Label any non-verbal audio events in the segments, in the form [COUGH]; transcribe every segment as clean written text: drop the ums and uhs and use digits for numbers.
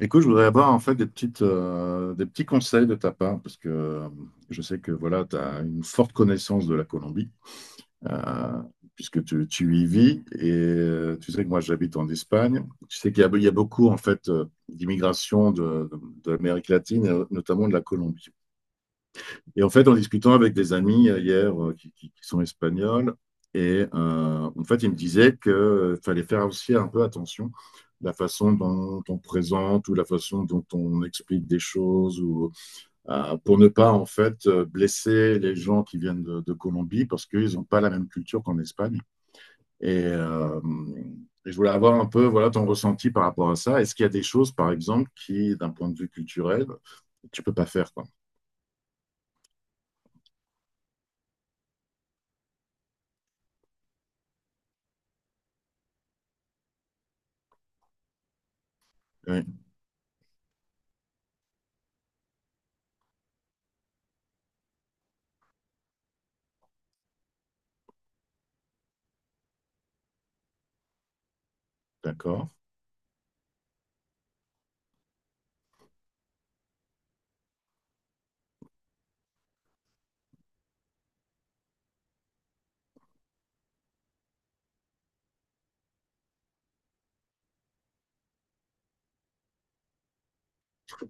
Écoute, je voudrais avoir en fait des des petits conseils de ta part, parce que je sais que voilà, tu as une forte connaissance de la Colombie, euh, puisque tu y vis, et tu sais que moi j'habite en Espagne. Tu sais il y a beaucoup en fait d'immigration de l'Amérique latine, et notamment de la Colombie. Et en fait, en discutant avec des amis hier, qui sont espagnols, et en fait, ils me disaient qu'il fallait faire aussi un peu attention de la façon dont on présente ou la façon dont on explique des choses ou, pour ne pas en fait blesser les gens qui viennent de Colombie parce qu'ils n'ont pas la même culture qu'en Espagne. Et, euh, et je voulais avoir un peu voilà, ton ressenti par rapport à ça. Est-ce qu'il y a des choses, par exemple, qui, d'un point de vue culturel, tu peux pas faire, quoi. Oui, d'accord.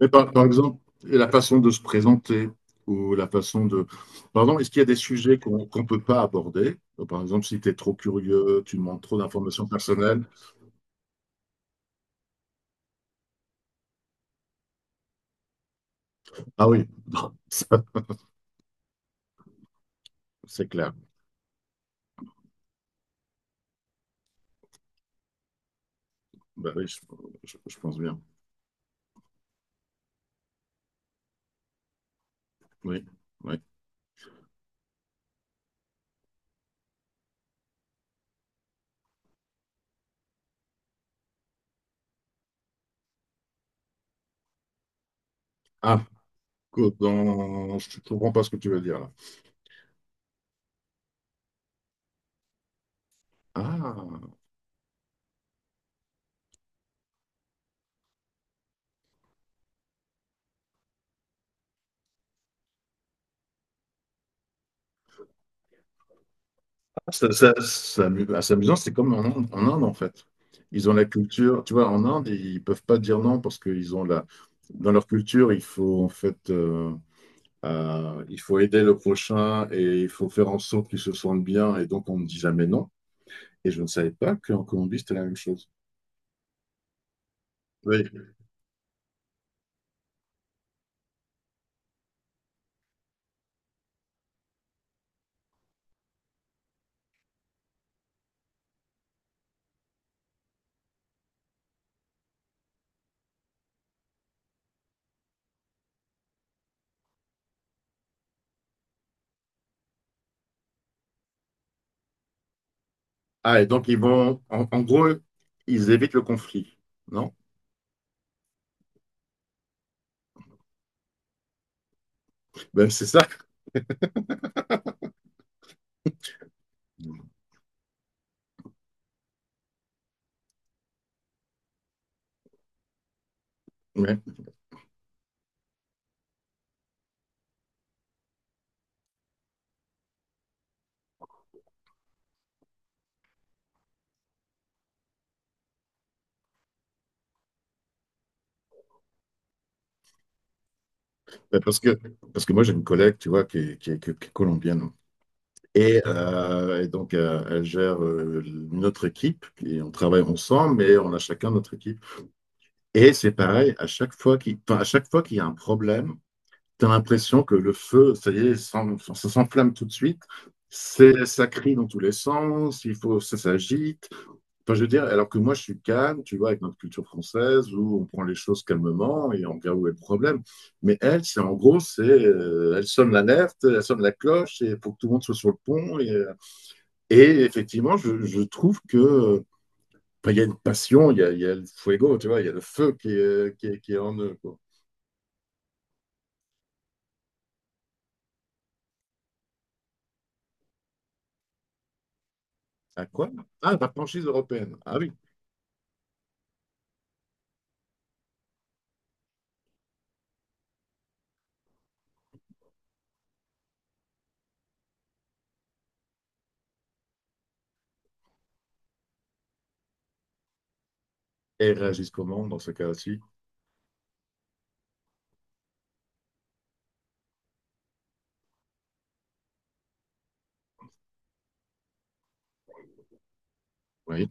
Mais par exemple, la façon de se présenter ou la façon de... Pardon, est-ce qu'il y a des sujets qu'on peut pas aborder? Par exemple, si tu es trop curieux, tu demandes trop d'informations personnelles. Ah oui, [LAUGHS] ça, c'est clair. Bah oui, je pense bien. Oui, oui. Ah, que dans... je ne comprends pas ce que tu veux dire là. Ah, c'est amusant, c'est comme en Inde, en Inde, en fait. Ils ont la culture, tu vois, en Inde, ils peuvent pas dire non parce qu'ils ont la... Dans leur culture, il faut il faut aider le prochain et il faut faire en sorte qu'il se sente bien. Et donc, on ne dit jamais non. Et je ne savais pas qu'en Colombie, c'était la même chose. Oui. Ah, et donc, ils vont, en, en gros, ils évitent le conflit. Non? Ben, c'est ça. Ouais. Ben, parce que moi, j'ai une collègue, tu vois, qui est colombienne. Et donc, elle gère notre équipe et on travaille ensemble, mais on a chacun notre équipe. Et c'est pareil, à chaque fois qu'il, enfin, à chaque fois qu'il y a un problème, tu as l'impression que le feu, ça y est, ça s'enflamme tout de suite. Ça crie dans tous les sens, il faut, ça s'agite. Enfin, je veux dire, alors que moi, je suis calme, tu vois, avec notre culture française, où on prend les choses calmement et on regarde où est le problème. Mais elle, c'est en gros, c'est, elle sonne l'alerte, elle sonne la cloche, et pour que tout le monde soit sur le pont. Et effectivement, je trouve que, enfin, il y a une passion, il y a le fuego, tu vois, il y a le feu qui est en eux, quoi. À quoi? Ah, la franchise européenne. Ah oui. Réagissent comment dans ce cas-ci. Oui,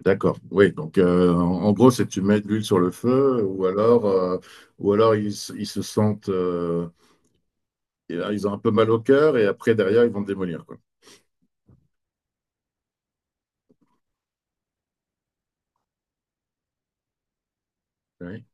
d'accord. Oui, donc en en gros, c'est que tu mets de l'huile sur le feu, ou alors, ou alors ils se sentent, et là, ils ont un peu mal au cœur, et après derrière, ils vont te démolir, quoi. Oui,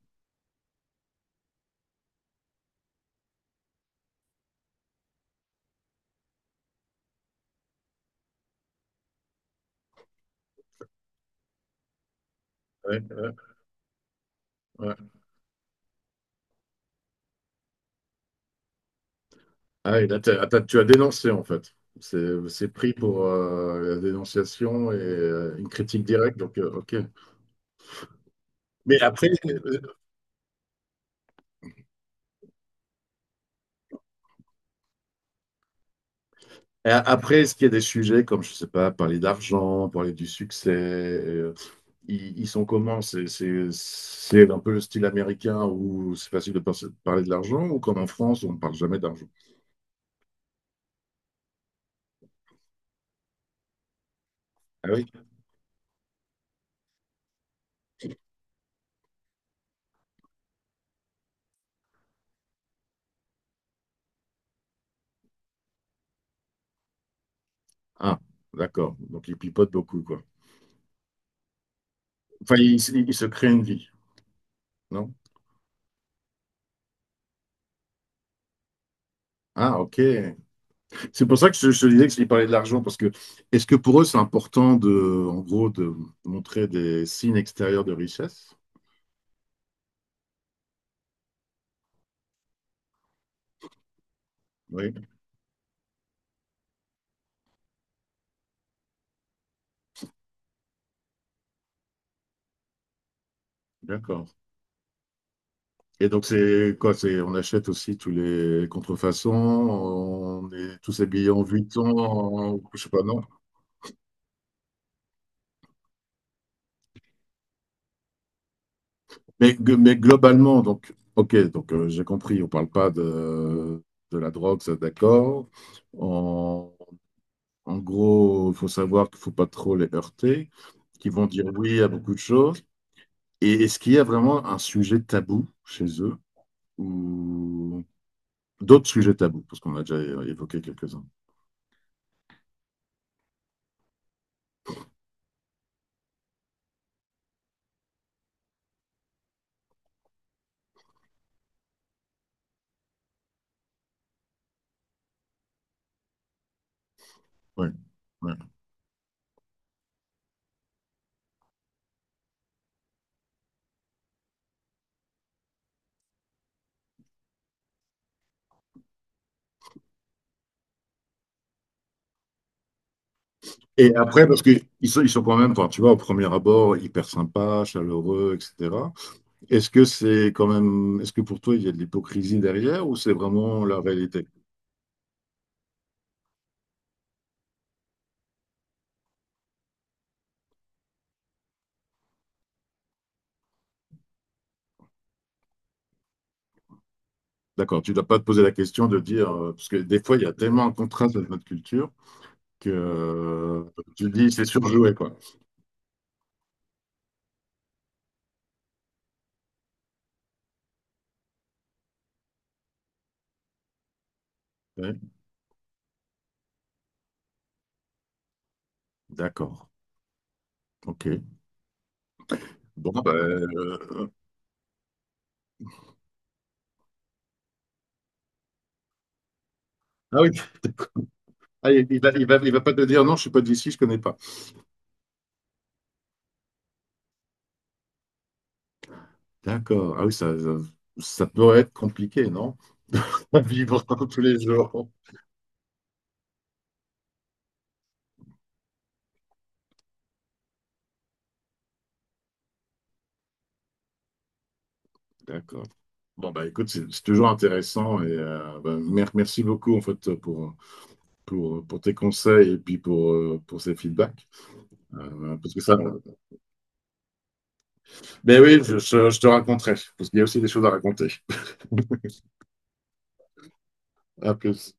ouais, ouais, ouais. Ah, et là, tu as dénoncé en fait. C'est pris pour la dénonciation et une critique directe, donc ok. Mais après, est-ce qu'il y a des sujets comme, je sais pas, parler d'argent, parler du succès, euh, ils, ils sont comment? C'est un peu le style américain où c'est facile de parler de l'argent ou comme en France, on ne parle jamais d'argent? Ah oui? Ah, d'accord. Donc ils pipotent beaucoup, quoi. Enfin, ils se créent une vie, non? Ah, ok. C'est pour ça que je te disais que s'ils parlaient de l'argent, parce que est-ce que pour eux, c'est important de, en gros, de montrer des signes extérieurs de richesse? Oui, d'accord. Et donc, c'est quoi? C'est, on achète aussi tous les contrefaçons, on est tous habillés en Vuitton, en, je sais pas, non? Mais globalement, donc, ok, j'ai compris, on parle pas de la drogue, ça d'accord. En, en gros, il faut savoir qu'il faut pas trop les heurter, qu'ils vont dire oui à beaucoup de choses. Et est-ce qu'il y a vraiment un sujet tabou chez eux ou d'autres sujets tabous, parce qu'on a déjà évoqué quelques-uns. Ouais, ouais. Et après, parce qu'ils sont, ils sont quand même, enfin, tu vois, au premier abord, hyper sympas, chaleureux, etc. Est-ce que c'est quand même, est-ce que pour toi, il y a de l'hypocrisie derrière ou c'est vraiment la réalité? D'accord, tu ne dois pas te poser la question de dire, parce que des fois, il y a tellement un contraste avec notre culture que tu te dis, c'est surjoué, quoi. Ouais, d'accord, ok. Bon, ben, ah oui, Ah, il va, il va pas te dire, non, je suis pas d'ici, je connais pas. D'accord, ah oui, ça peut être compliqué, non? [LAUGHS] À vivre tous les jours. D'accord. Bon, bah écoute, c'est toujours intéressant et ben, merci beaucoup en fait pour, pour tes conseils et puis pour ces feedbacks. Parce que ça, mais oui, je te raconterai, parce qu'il y a aussi des choses à raconter. À plus.